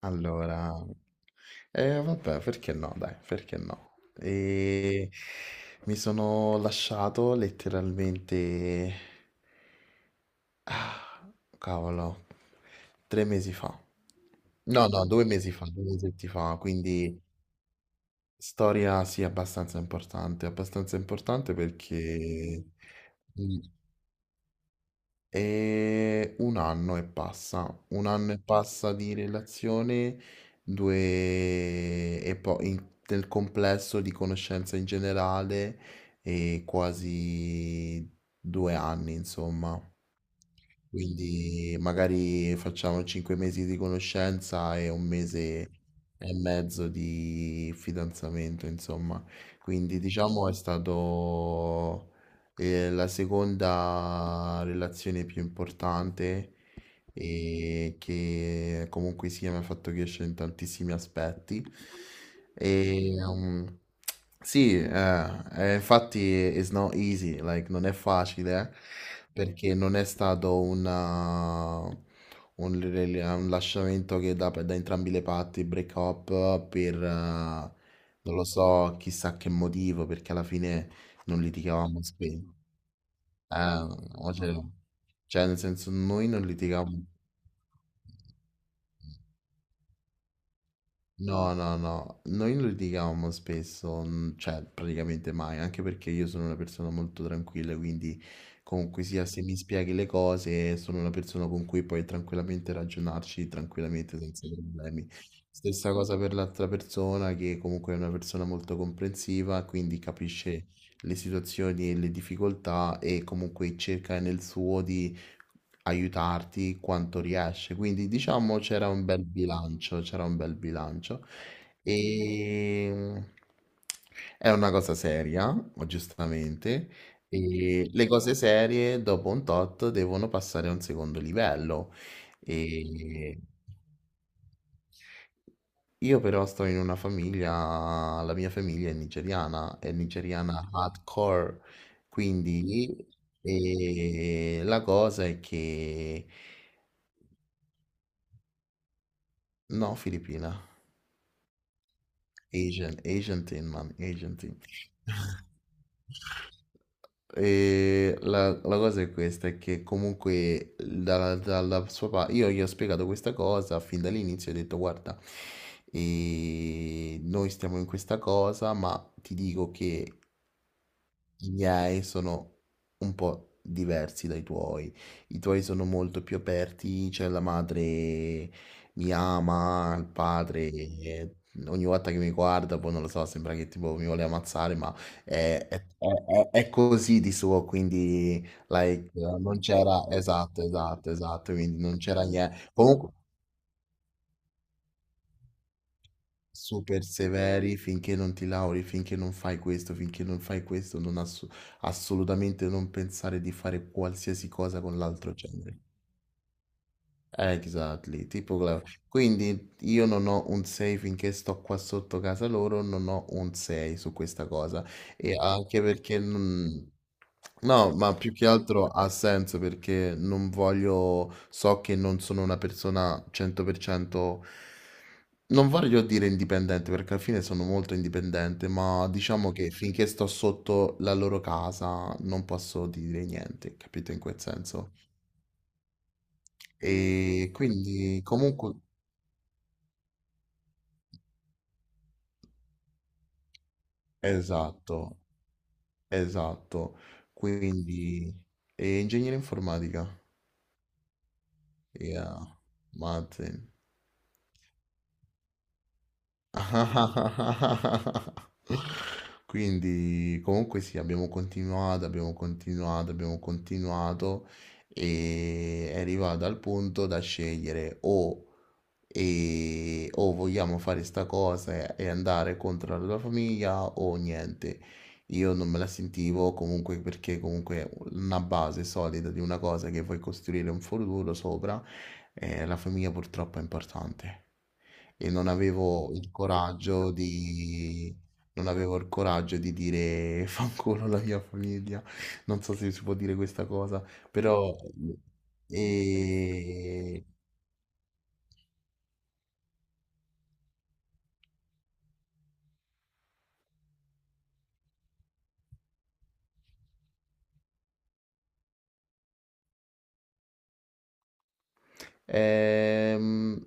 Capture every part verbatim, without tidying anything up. Allora, eh, vabbè, perché no? Dai, perché no? E mi sono lasciato letteralmente, ah, cavolo, tre mesi fa. No, no, due mesi fa, due mesi fa, quindi storia sì, abbastanza importante, abbastanza importante perché mm, e un anno e passa, un anno e passa di relazione, due e poi in- nel complesso di conoscenza in generale e quasi due anni, insomma. Quindi magari facciamo cinque mesi di conoscenza e un mese e mezzo di fidanzamento, insomma. Quindi diciamo è stato eh, la seconda relazione più importante e che comunque sia mi ha fatto crescere in tantissimi aspetti. E, um, sì, eh, eh, infatti it's not easy, like, non è facile, perché non è stato una- un, rel- un lasciamento che da, da entrambi le parti, break up, per, eh, non lo so, chissà che motivo, perché alla fine non litigavamo spesso. Eh, no, cioè, cioè, nel senso, noi non litigavamo. No, no, no, noi non litigavamo spesso, mm, cioè praticamente mai, anche perché io sono una persona molto tranquilla, quindi comunque sia se mi spieghi le cose, sono una persona con cui puoi tranquillamente ragionarci, tranquillamente, senza problemi. Stessa cosa per l'altra persona, che comunque è una persona molto comprensiva, quindi capisce le situazioni e le difficoltà e comunque cerca nel suo di aiutarti quanto riesce. Quindi diciamo c'era un bel bilancio, c'era un bel bilancio. E è una cosa seria, giustamente, e le cose serie dopo un tot devono passare a un secondo livello. E io però sto in una famiglia, la mia famiglia è nigeriana, è nigeriana hardcore, quindi eh, la cosa è che no, Filippina, Asian, Asian Tin, man, Asian Tin. E la, la cosa è questa, è che comunque dalla, dalla sua parte, io gli ho spiegato questa cosa fin dall'inizio, ho detto guarda, eh, noi stiamo in questa cosa, ma ti dico che I miei sono un po' diversi dai tuoi. I tuoi sono molto più aperti, cioè la madre mi ama, il padre eh, ogni volta che mi guarda, poi non lo so, sembra che tipo mi vuole ammazzare, ma è, è- è- è così di suo, quindi like, non c'era, esatto, esatto, esatto, quindi non c'era niente. Comunque, super severi finché non ti lauri, finché non fai questo, finché non fai questo, non ass- assolutamente non pensare di fare qualsiasi cosa con l'altro genere. Exactly, tipo Clau. Quindi io non ho un sei finché sto qua sotto casa loro, non ho un sei su questa cosa. E anche perché non. No, ma più che altro ha senso perché non voglio, so che non sono una persona cento per cento, non voglio dire indipendente perché alla fine sono molto indipendente, ma diciamo che finché sto sotto la loro casa non posso dire niente, capito in quel senso? E quindi comunque Esatto, esatto. Quindi, e ingegneria informatica? Yeah, Martin. Quindi, comunque sì, abbiamo continuato, abbiamo continuato, abbiamo continuato e è arrivato al punto da scegliere o e o vogliamo fare sta cosa e andare contro la tua famiglia o niente. Io non me la sentivo comunque perché comunque una base solida di una cosa che vuoi costruire un futuro sopra, eh, la famiglia purtroppo è importante. E non avevo il coraggio di. Non avevo il coraggio di dire fanculo la mia famiglia, non so se si può dire questa cosa, però. E. Ehm,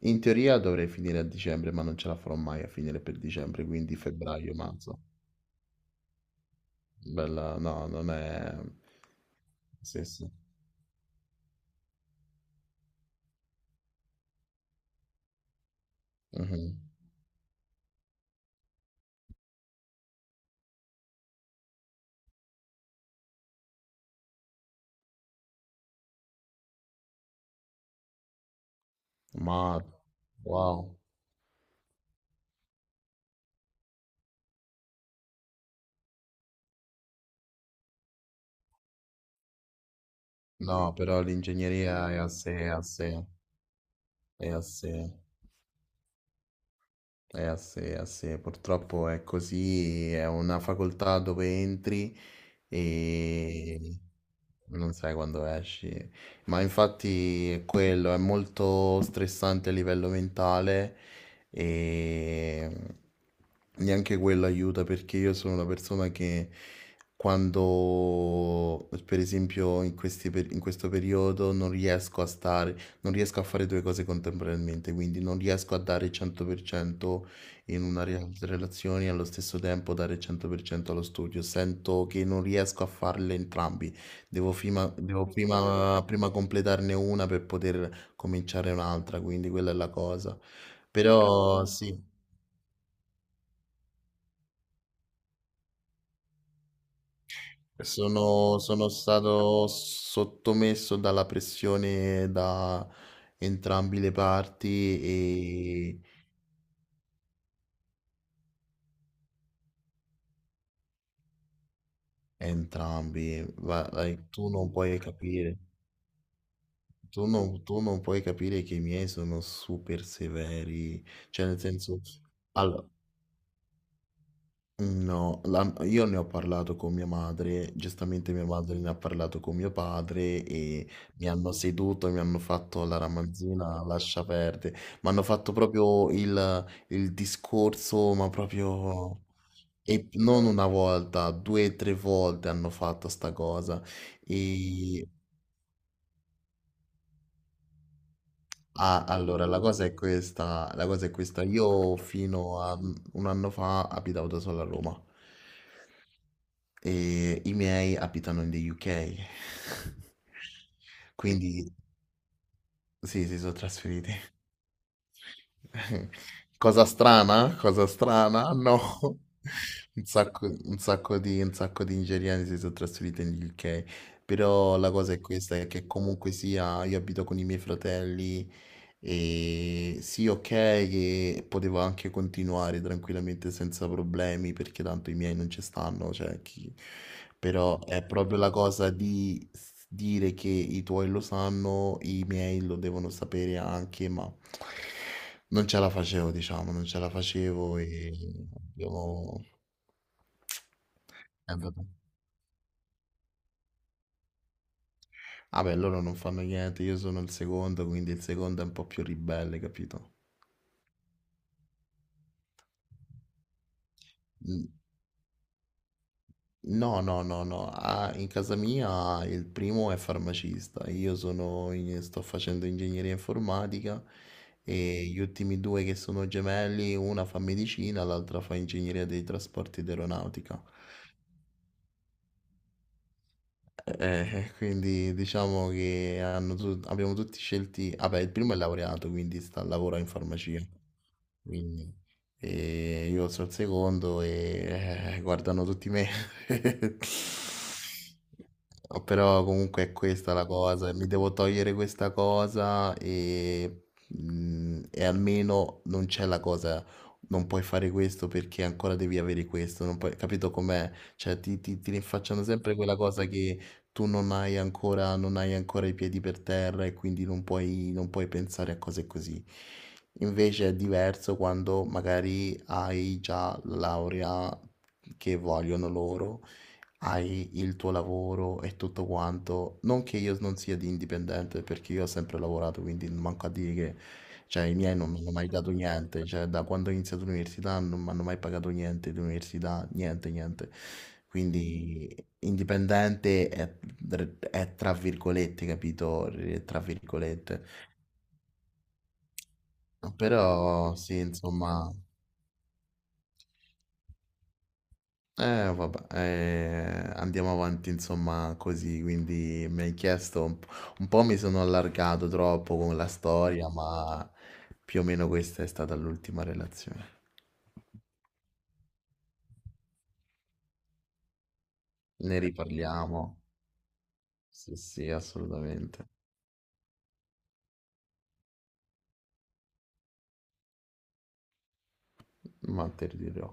In teoria dovrei finire a dicembre, ma non ce la farò mai a finire per dicembre, quindi febbraio-marzo. Bella, no, non è. Sì, sì. Mhm. Ma, wow. No, però l'ingegneria è a sé, è a sé, è a sé, è a sé, è a sé. Purtroppo è così, è una facoltà dove entri e non sai quando esci. Ma infatti è quello, è molto stressante a livello mentale e neanche quello aiuta perché io sono una persona che quando, per esempio, in questi per- in questo periodo non riesco a stare, non riesco a fare due cose contemporaneamente, quindi non riesco a dare il cento per cento in una rea- relazione e allo stesso tempo dare il cento per cento allo studio. Sento che non riesco a farle entrambi. Devo prima, devo prima, prima completarne una per poter cominciare un'altra, quindi quella è la cosa. Però sì, sono, sono stato sottomesso dalla pressione da entrambi le parti e entrambi, va- vai, tu non puoi capire. Tu non, tu non puoi capire che i miei sono super severi, cioè nel senso, allora, no, la- io ne ho parlato con mia madre, giustamente mia madre ne ha parlato con mio padre e mi hanno seduto, mi hanno fatto la ramanzina, lascia perdere, mi hanno fatto proprio il, il discorso, ma proprio. E non una volta, due o tre volte hanno fatto sta cosa. E, Ah, allora, la cosa è questa, la cosa è questa. Io fino a mm, un anno fa abitavo da solo a Roma e i miei abitano in the U K. Quindi sì, si sono trasferiti. Cosa strana? Cosa strana? No. Un sacco, un sacco di, un sacco di nigeriani si sono trasferiti in U K. Però la cosa è questa, è che comunque sia, io abito con i miei fratelli e sì, ok, che potevo anche continuare tranquillamente senza problemi perché tanto i miei non ci stanno, cioè chi. Però è proprio la cosa di s- dire che i tuoi lo sanno, i miei lo devono sapere anche, ma. Non ce la facevo diciamo, non ce la facevo e abbiamo Eh vabbè. Ah beh, loro non fanno niente, io sono il secondo, quindi il secondo è un po' più ribelle, capito? N no, no, no, no, ah, in casa mia il primo è farmacista, io sono in sto facendo ingegneria informatica e gli ultimi due che sono gemelli, una fa medicina, l'altra fa ingegneria dei trasporti ed aeronautica. Eh, quindi diciamo che hanno tu- abbiamo tutti scelti, vabbè, il primo è laureato, quindi sta, lavora in farmacia, quindi e io sono il secondo e eh, guardano tutti me. No, Però comunque è questa la cosa, mi devo togliere questa cosa e, mm, e almeno non c'è la cosa, non puoi fare questo perché ancora devi avere questo, non puoi, capito com'è? Cioè ti, ti, ti rinfacciano sempre quella cosa che tu non hai ancora, non hai ancora i piedi per terra e quindi non puoi, non puoi pensare a cose così. Invece è diverso quando magari hai già la laurea che vogliono loro hai il tuo lavoro e tutto quanto. Non che io non sia di indipendente, perché io ho sempre lavorato, quindi manco a dire che, cioè, i miei non mi hanno mai dato niente. Cioè, da quando ho iniziato l'università non mi hanno mai pagato niente di università, niente, niente. Quindi indipendente è, è tra virgolette, capito? Tra virgolette. Però sì, insomma. Eh vabbè, eh, andiamo avanti insomma così, quindi mi hai chiesto, un po', un po' mi sono allargato troppo con la storia, ma più o meno questa è stata l'ultima relazione. Ne riparliamo? Sì, sì, assolutamente, ma te lo dirò.